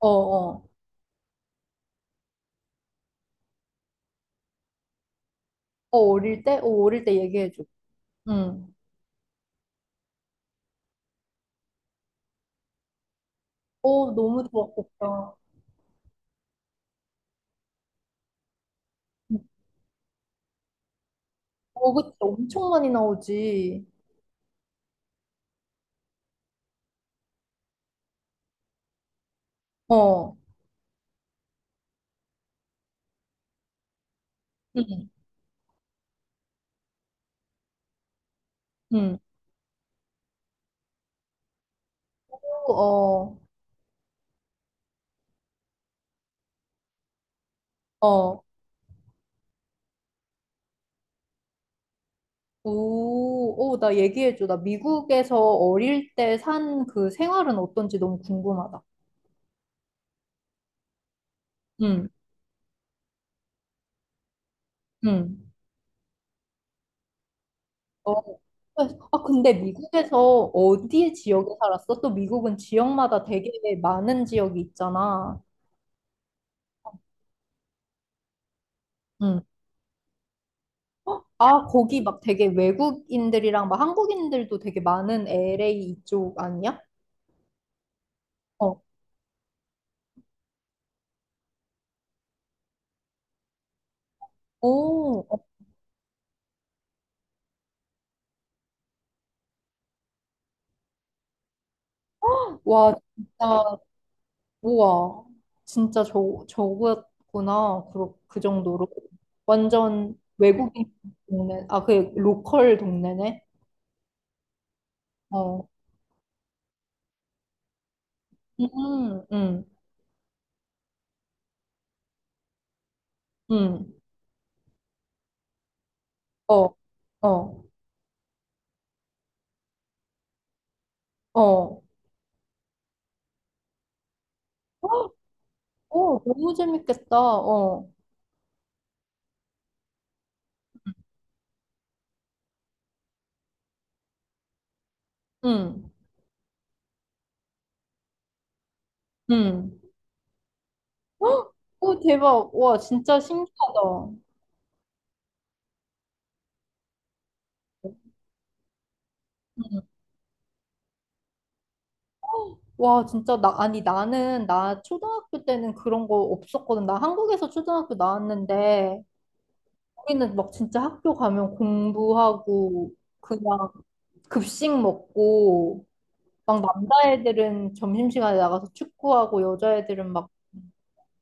어, 어. 어, 어릴 때? 어, 어릴 때 얘기해줘. 응. 어, 너무 좋았겠다. 어, 그치. 엄청 많이 나오지. 어. 응. 응. 어, 어. 오, 오, 나 얘기해줘. 나 미국에서 어릴 때 산 그 생활은 어떤지 너무 궁금하다. 응, 응. 어. 아, 근데 미국에서 어디 지역에 살았어? 또 미국은 지역마다 되게 많은 지역이 있잖아. 아, 거기 막 되게 외국인들이랑 막 한국인들도 되게 많은 LA 이쪽 아니야? 어. 오, 어. 와, 진짜, 우와. 진짜 저, 저거였구나. 그 정도로. 완전 외국인 동네. 아, 그 로컬 동네네? 어. 음, 음, 음. 어, 어, 어. 헉! 어, 너무 재밌겠다. 어. 음, 음. 헉! 오, 대박. 와, 진짜 신기하다. 음. 와, 진짜, 나, 아니, 나는, 나 초등학교 때는 그런 거 없었거든. 나 한국에서 초등학교 나왔는데, 우리는 막 진짜 학교 가면 공부하고, 그냥 급식 먹고, 막 남자애들은 점심시간에 나가서 축구하고, 여자애들은 막,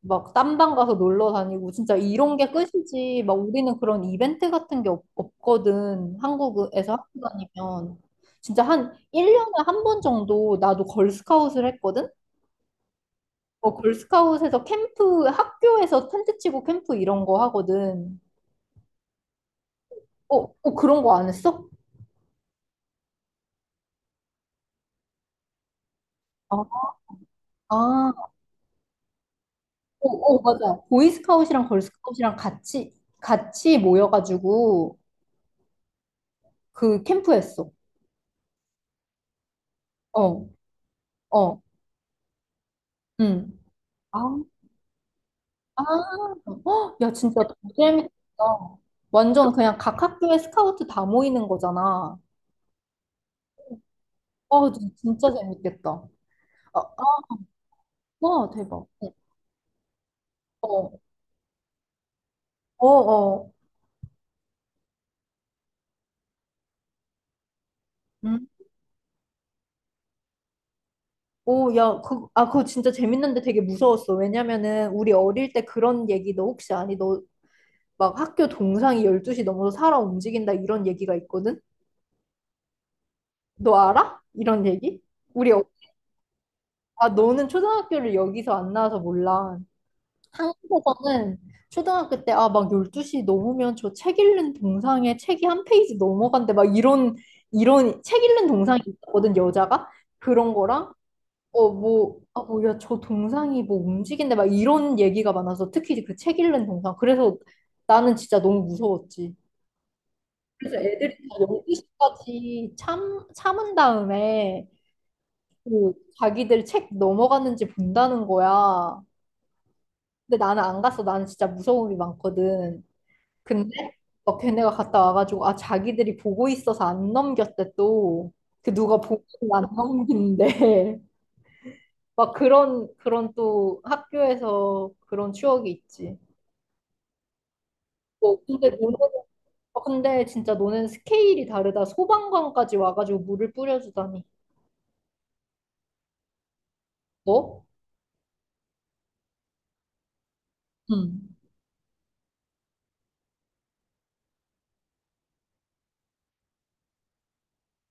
막 딴방 가서 놀러 다니고, 진짜 이런 게 끝이지. 막 우리는 그런 이벤트 같은 게 없거든. 한국에서 학교 다니면. 진짜 한 1년에 한 번 정도 나도 걸스카웃을 했거든? 어, 걸스카웃에서 캠프, 학교에서 텐트 치고 캠프 이런 거 하거든. 어, 어, 그런 거 안 했어? 아, 아, 어, 어, 맞아. 보이스카웃이랑 걸스카웃이랑 같이 모여가지고 그 캠프 했어. 어, 어, 응. 아, 아, 헉, 야, 진짜 너무 재밌다. 완전 그냥 각 학교에 스카우트 다 모이는 거잖아. 아, 진짜 재밌겠다. 아, 아, 와, 대박. 응. 어, 어, 어. 음. 오, 야, 그, 아, 그거 진짜 재밌는데 되게 무서웠어. 왜냐면은 우리 어릴 때 그런 얘기 너 혹시 아니? 너 막 학교 동상이 12시 넘어서 살아 움직인다 이런 얘기가 있거든? 너 알아? 이런 얘기? 우리, 어- 아, 너는 초등학교를 여기서 안 나와서 몰라. 한국에서는 초등학교 때, 아, 막 12시 넘으면 저 책 읽는 동상에 책이 한 페이지 넘어간대. 막 이런 책 읽는 동상이 있거든, 여자가? 그런 거랑 어, 뭐, 아, 뭐, 야, 저 동상이 뭐 움직인데 막 이런 얘기가 많아서 특히 그 책 읽는 동상. 그래서 나는 진짜 너무 무서웠지. 그래서 애들이 다 12시까지 참은 다음에 그 자기들 책 넘어갔는지 본다는 거야. 근데 나는 안 갔어. 나는 진짜 무서움이 많거든. 근데 막 걔네가 갔다 와가지고 아, 자기들이 보고 있어서 안 넘겼대 또. 그 누가 보고 안 넘긴대. 막 그런 또 학교에서 그런 추억이 있지. 뭐, 근데 너는, 어, 근데 진짜 너는 스케일이 다르다. 소방관까지 와가지고 물을 뿌려주다니. 너? 응.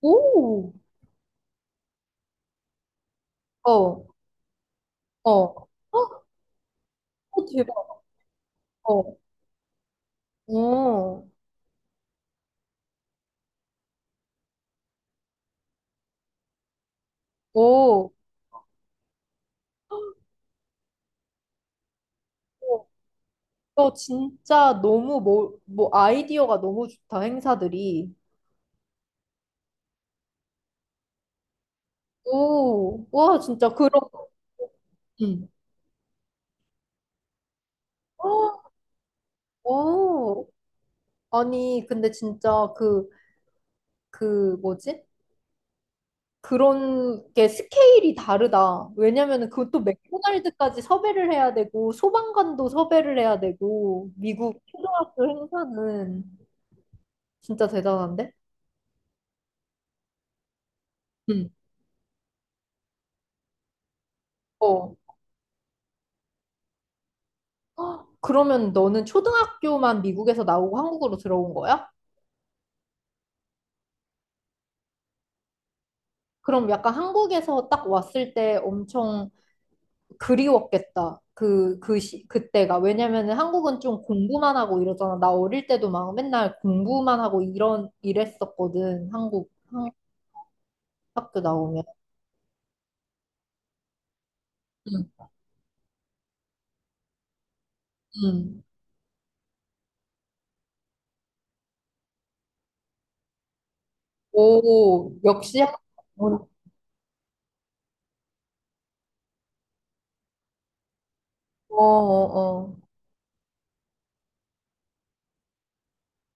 오! 어, 어. 어, 대박. 어, 어, 어. 어, 너 진짜 너무 뭐 아이디어가 너무 좋다, 행사들이. 오, 와, 진짜 그런, 응. 어, 어. 아니, 근데 진짜 그 뭐지? 그런 게 스케일이 다르다. 왜냐면은 그것도 맥도날드까지 섭외를 해야 되고 소방관도 섭외를 해야 되고 미국 초등학교 행사는 진짜 대단한데? 응. 어. 헉, 그러면 너는 초등학교만 미국에서 나오고 한국으로 들어온 거야? 그럼 약간 한국에서 딱 왔을 때 엄청 그리웠겠다. 그, 그 시, 그때가. 왜냐면은 한국은 좀 공부만 하고 이러잖아. 나 어릴 때도 막 맨날 공부만 하고 이랬었거든. 한국. 학교 나오면. 음. 음. 오, 역시 학- 어, 어, 어, 어.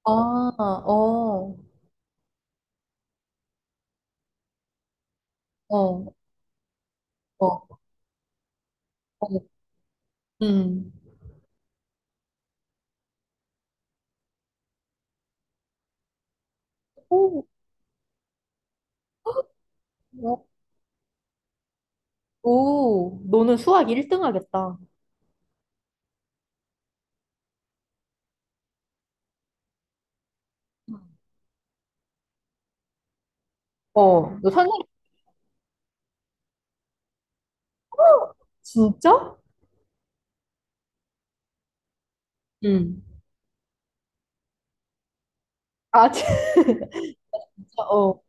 아, 어, 어, 어, 어. 음. 오, 어, 오, 너는 수학 1등 하겠다. 어, 너 선생님, 진짜? 음. 아, 진짜, 어,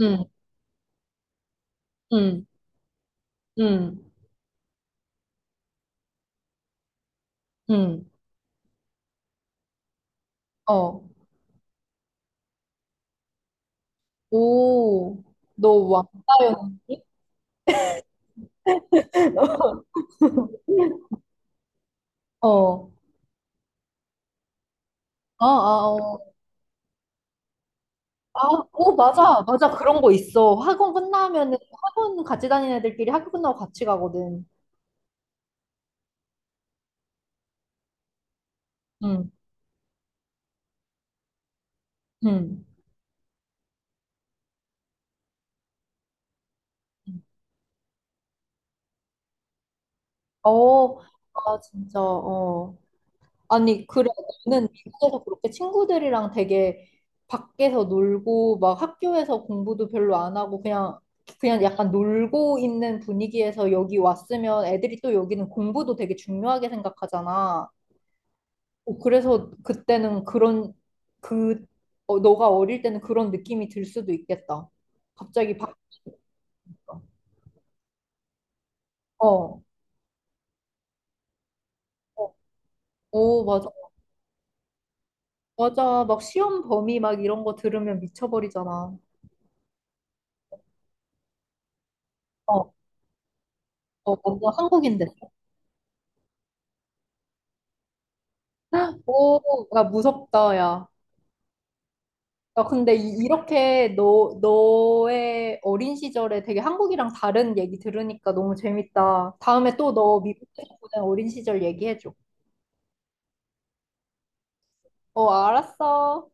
음. 음. 음. 음. 어, 오, 너 왕따였, 어, 아, 아, 어. 아, 오, 맞아, 맞아. 그런 거 있어. 학원 끝나면은, 학원 같이 다니는 애들끼리 학교 끝나고 같이 가거든. 응, 응. 어, 아, 진짜, 어. 아니, 그래, 너는 미국에서 그렇게 친구들이랑 되게 밖에서 놀고, 막 학교에서 공부도 별로 안 하고, 그냥, 약간 놀고 있는 분위기에서 여기 왔으면 애들이 또 여기는 공부도 되게 중요하게 생각하잖아. 어, 그래서 그때는 그런 그 어, 너가 어릴 때는 그런 느낌이 들 수도 있겠다. 갑자기 바, 어, 어, 오, 맞아, 맞아. 막 시험 범위 막 이런 거 들으면 미쳐버리잖아. 어, 어, 뭔가 한국인데. 오, 야, 무섭다, 야. 야, 근데 이렇게 너의 어린 시절에 되게 한국이랑 다른 얘기 들으니까 너무 재밌다. 다음에 또 너 미국에서 보낸 어린 시절 얘기해줘. 어, 알았어.